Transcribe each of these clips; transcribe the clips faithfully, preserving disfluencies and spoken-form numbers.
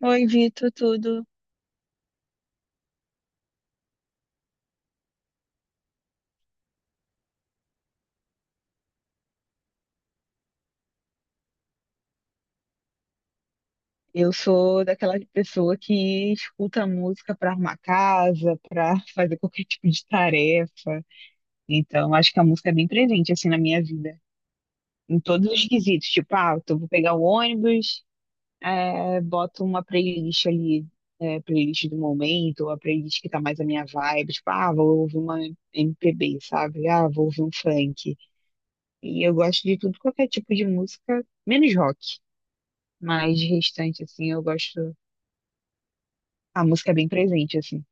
Oi, Vitor, tudo? Eu sou daquela pessoa que escuta música para arrumar casa, para fazer qualquer tipo de tarefa. Então, acho que a música é bem presente assim na minha vida, em todos os quesitos. Tipo, ah, eu tô- vou pegar o ônibus, eh, boto uma playlist ali, eh, playlist do momento, ou a playlist que tá mais a minha vibe. Tipo, ah, vou ouvir uma M P B, sabe? Ah, vou ouvir um funk. E eu gosto de tudo, qualquer tipo de música, menos rock. Mas de restante, assim, eu gosto. A música é bem presente, assim.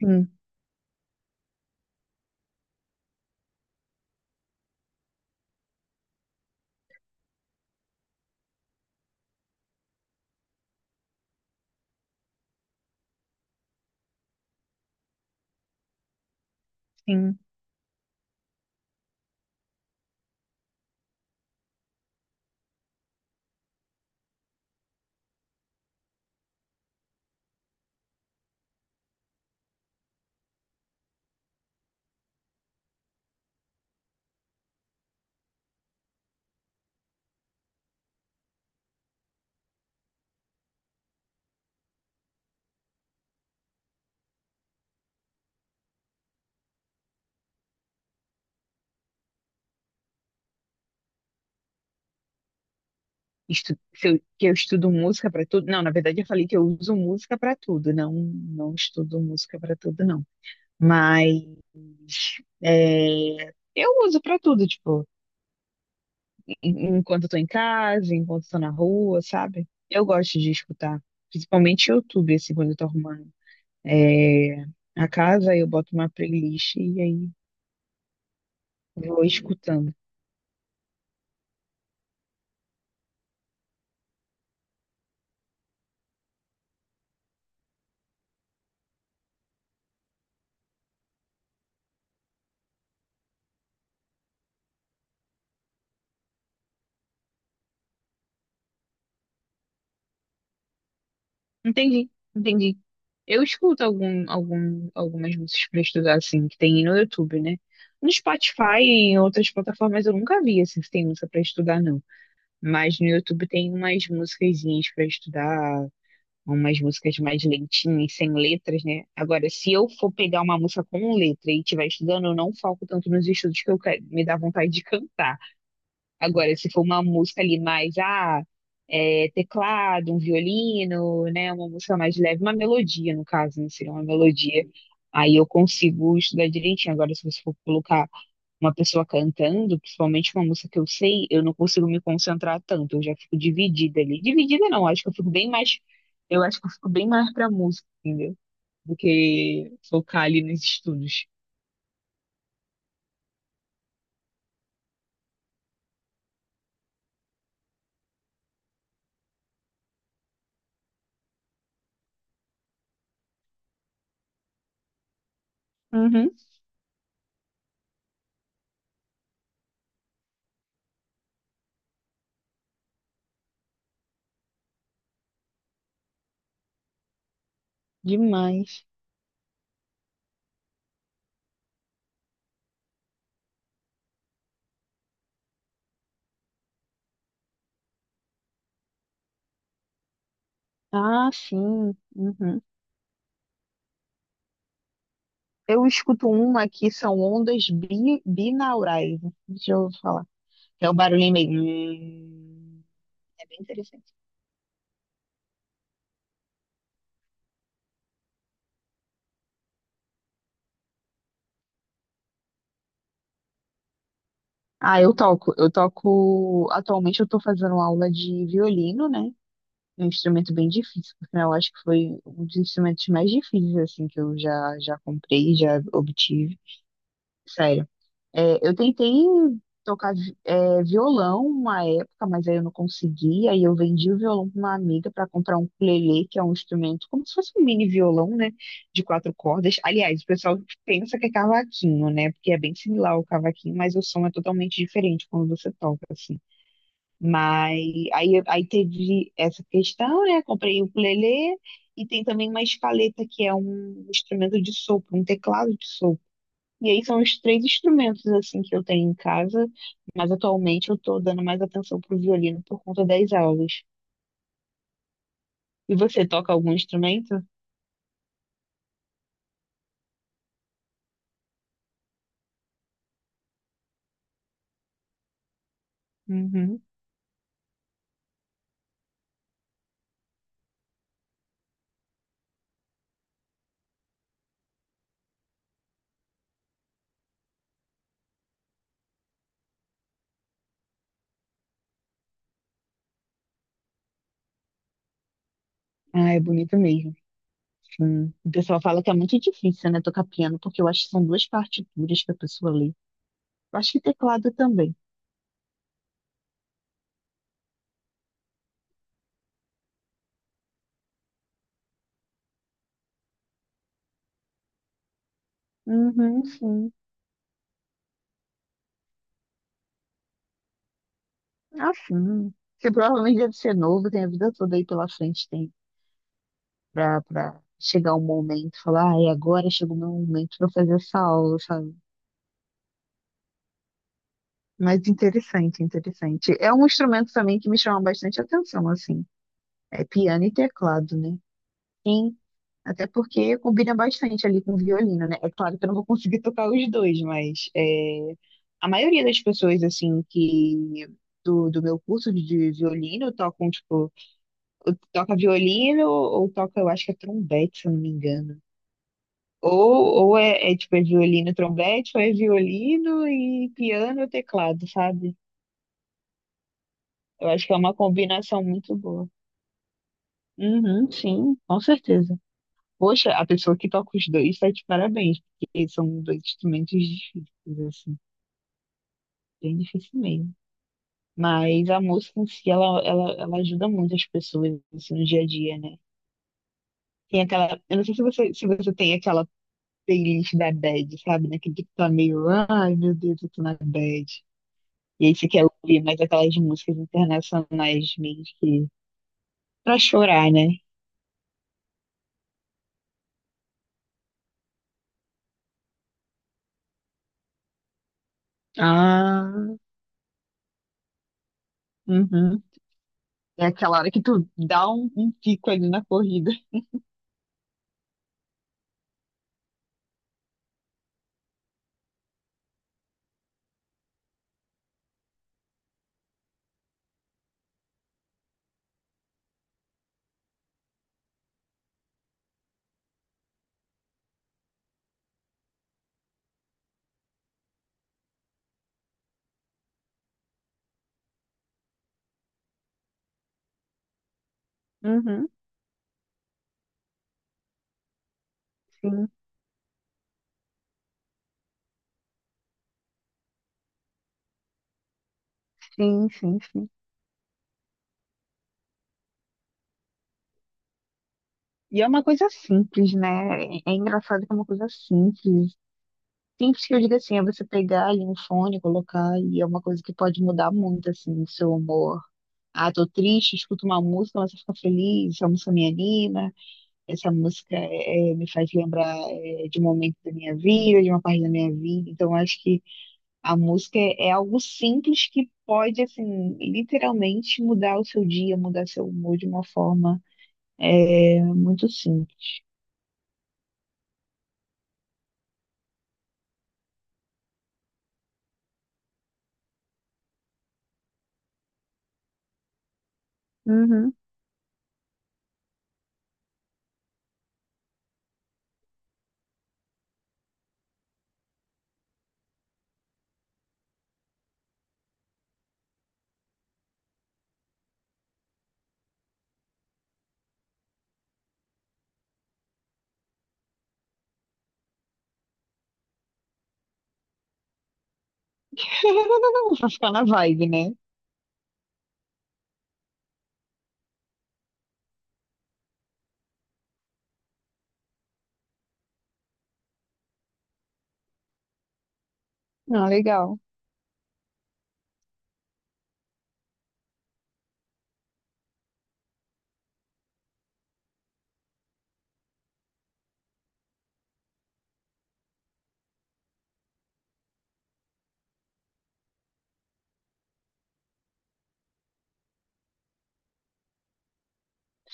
Sim, sim. Estu- se eu- Que eu estudo música pra tudo? Não, na verdade eu falei que eu uso música pra tudo, não, não estudo música pra tudo, não. Mas é, eu uso pra tudo, tipo, en- enquanto eu tô em casa, enquanto eu tô na rua, sabe? Eu gosto de escutar, principalmente YouTube, assim, quando eu tô arrumando é, a casa, aí eu boto uma playlist e aí vou escutando. Entendi, entendi. Eu escuto algum, algum, algumas músicas pra estudar, assim, que tem no YouTube, né? No Spotify e em outras plataformas eu nunca vi, assim, se tem música pra estudar, não. Mas no YouTube tem umas musiquezinhas pra estudar, umas músicas mais lentinhas, sem letras, né? Agora, se eu for pegar uma música com letra e estiver estudando, eu não foco tanto nos estudos que eu quero, me dá vontade de cantar. Agora, se for uma música ali mais, ah, é, teclado, um violino, né? Uma música mais leve, uma melodia, no caso, né? Seria uma melodia. Aí eu consigo estudar direitinho. Agora, se você for colocar uma pessoa cantando, principalmente uma música que eu sei, eu não consigo me concentrar tanto. Eu já fico dividida ali. Dividida não, acho que eu fico bem mais. Eu acho que eu fico bem mais pra música, entendeu? Do que focar ali nos estudos. Uhum, demais. Ah, sim. Uhum. Eu escuto uma que são ondas bi, binaurais. Deixa eu falar. É o barulhinho meio. hum, É bem interessante. Ah, eu toco. Eu toco. Atualmente eu tô fazendo aula de violino, né? Um instrumento bem difícil, porque eu acho que foi um dos instrumentos mais difíceis, assim, que eu já, já comprei, já obtive. Sério. É, eu tentei tocar vi- é, violão uma época, mas aí eu não consegui. Aí eu vendi o violão para uma amiga para comprar um ukulele, que é um instrumento como se fosse um mini violão, né? De quatro cordas. Aliás, o pessoal pensa que é cavaquinho, né? Porque é bem similar ao cavaquinho, mas o som é totalmente diferente quando você toca, assim. Mas aí, aí teve essa questão, né? Comprei o ukulele e tem também uma escaleta, que é um instrumento de sopro, um teclado de sopro. E aí são os três instrumentos assim que eu tenho em casa, mas atualmente eu tô dando mais atenção pro violino por conta das aulas. E você toca algum instrumento? Uhum. Ah, é bonito mesmo. Sim. O pessoal fala que é muito difícil, né, tocar piano, porque eu acho que são duas partituras que a pessoa lê. Eu acho que teclado também. Uhum, sim. Ah, sim. Você provavelmente deve ser novo, tem a vida toda aí pela frente, tem pra, pra chegar um momento, falar, ai, agora chegou o meu momento pra eu fazer essa aula, sabe? Mas interessante, interessante. É um instrumento também que me chama bastante atenção, assim. É piano e teclado, né? Sim, até porque combina bastante ali com violino, né? É claro que eu não vou conseguir tocar os dois, mas é, a maioria das pessoas, assim, que do, do meu curso de violino tocam, tipo, ou toca violino ou toca, eu acho que é trompete, se eu não me engano. Ou, ou é, é, tipo, é violino, trompete, ou é violino e piano ou teclado, sabe? Eu acho que é uma combinação muito boa. Uhum, sim, com certeza. Poxa, a pessoa que toca os dois tá de parabéns, porque são dois instrumentos difíceis, assim, bem difícil mesmo. Mas a música em si, ela, ela, ela ajuda muito as pessoas assim, no dia a dia, né? Tem aquela, eu não sei se você, se você tem aquela playlist da bad, sabe? Naquele que tá meio, ai meu Deus, eu tô na bad. E aí você quer ouvir mais aquelas músicas internacionais mesmo que, pra chorar, né? Ah, uhum. É aquela hora que tu dá um, um pico ali na corrida. Uhum, sim, sim, sim, sim. E é uma coisa simples, né? É é engraçado que é uma coisa simples. Simples que eu digo assim, é você pegar ali um fone, colocar, e é uma coisa que pode mudar muito, assim, o seu humor. Ah, tô triste, escuto uma música, mas eu fico feliz, essa música me anima, essa música eh, me faz lembrar eh, de um momento da minha vida, de uma parte da minha vida. Então, acho que a música é, é algo simples que pode, assim, literalmente mudar o seu dia, mudar seu humor de uma forma é, muito simples. Uhum. Pra ficar na vibe, né? Ah, legal.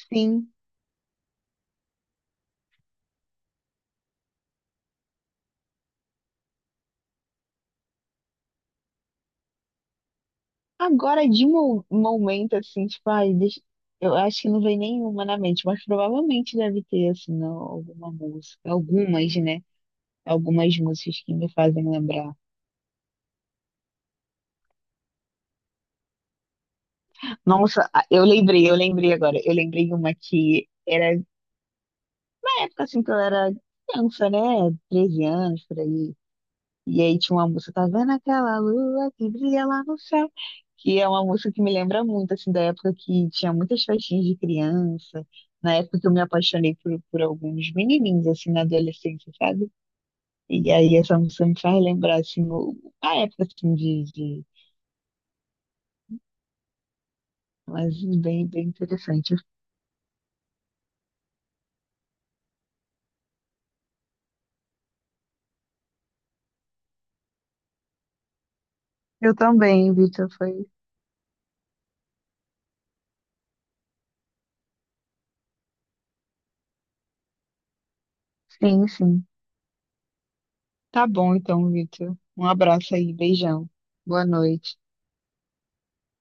Sim. Agora, de mo momento, assim, tipo, ai, deixa... eu acho que não vem nenhuma na mente, mas provavelmente deve ter, assim, não, alguma música. Algumas, né? Algumas músicas que me fazem lembrar. Nossa, ah, eu lembrei, eu lembrei agora. Eu lembrei uma que era época assim que eu era criança, né? Treze anos por aí. E aí tinha uma música, tá vendo aquela lua que brilha lá no céu? Que é uma música que me lembra muito, assim, da época que tinha muitas festinhas de criança, na época que eu me apaixonei por, por alguns menininhos, assim, na adolescência, sabe? E aí essa música me faz lembrar, assim, o- a época, assim, de, de... Mas bem, bem interessante. Eu também, Vitor, foi... Sim, sim. Tá bom, então, Vitor. Um abraço aí, beijão. Boa noite.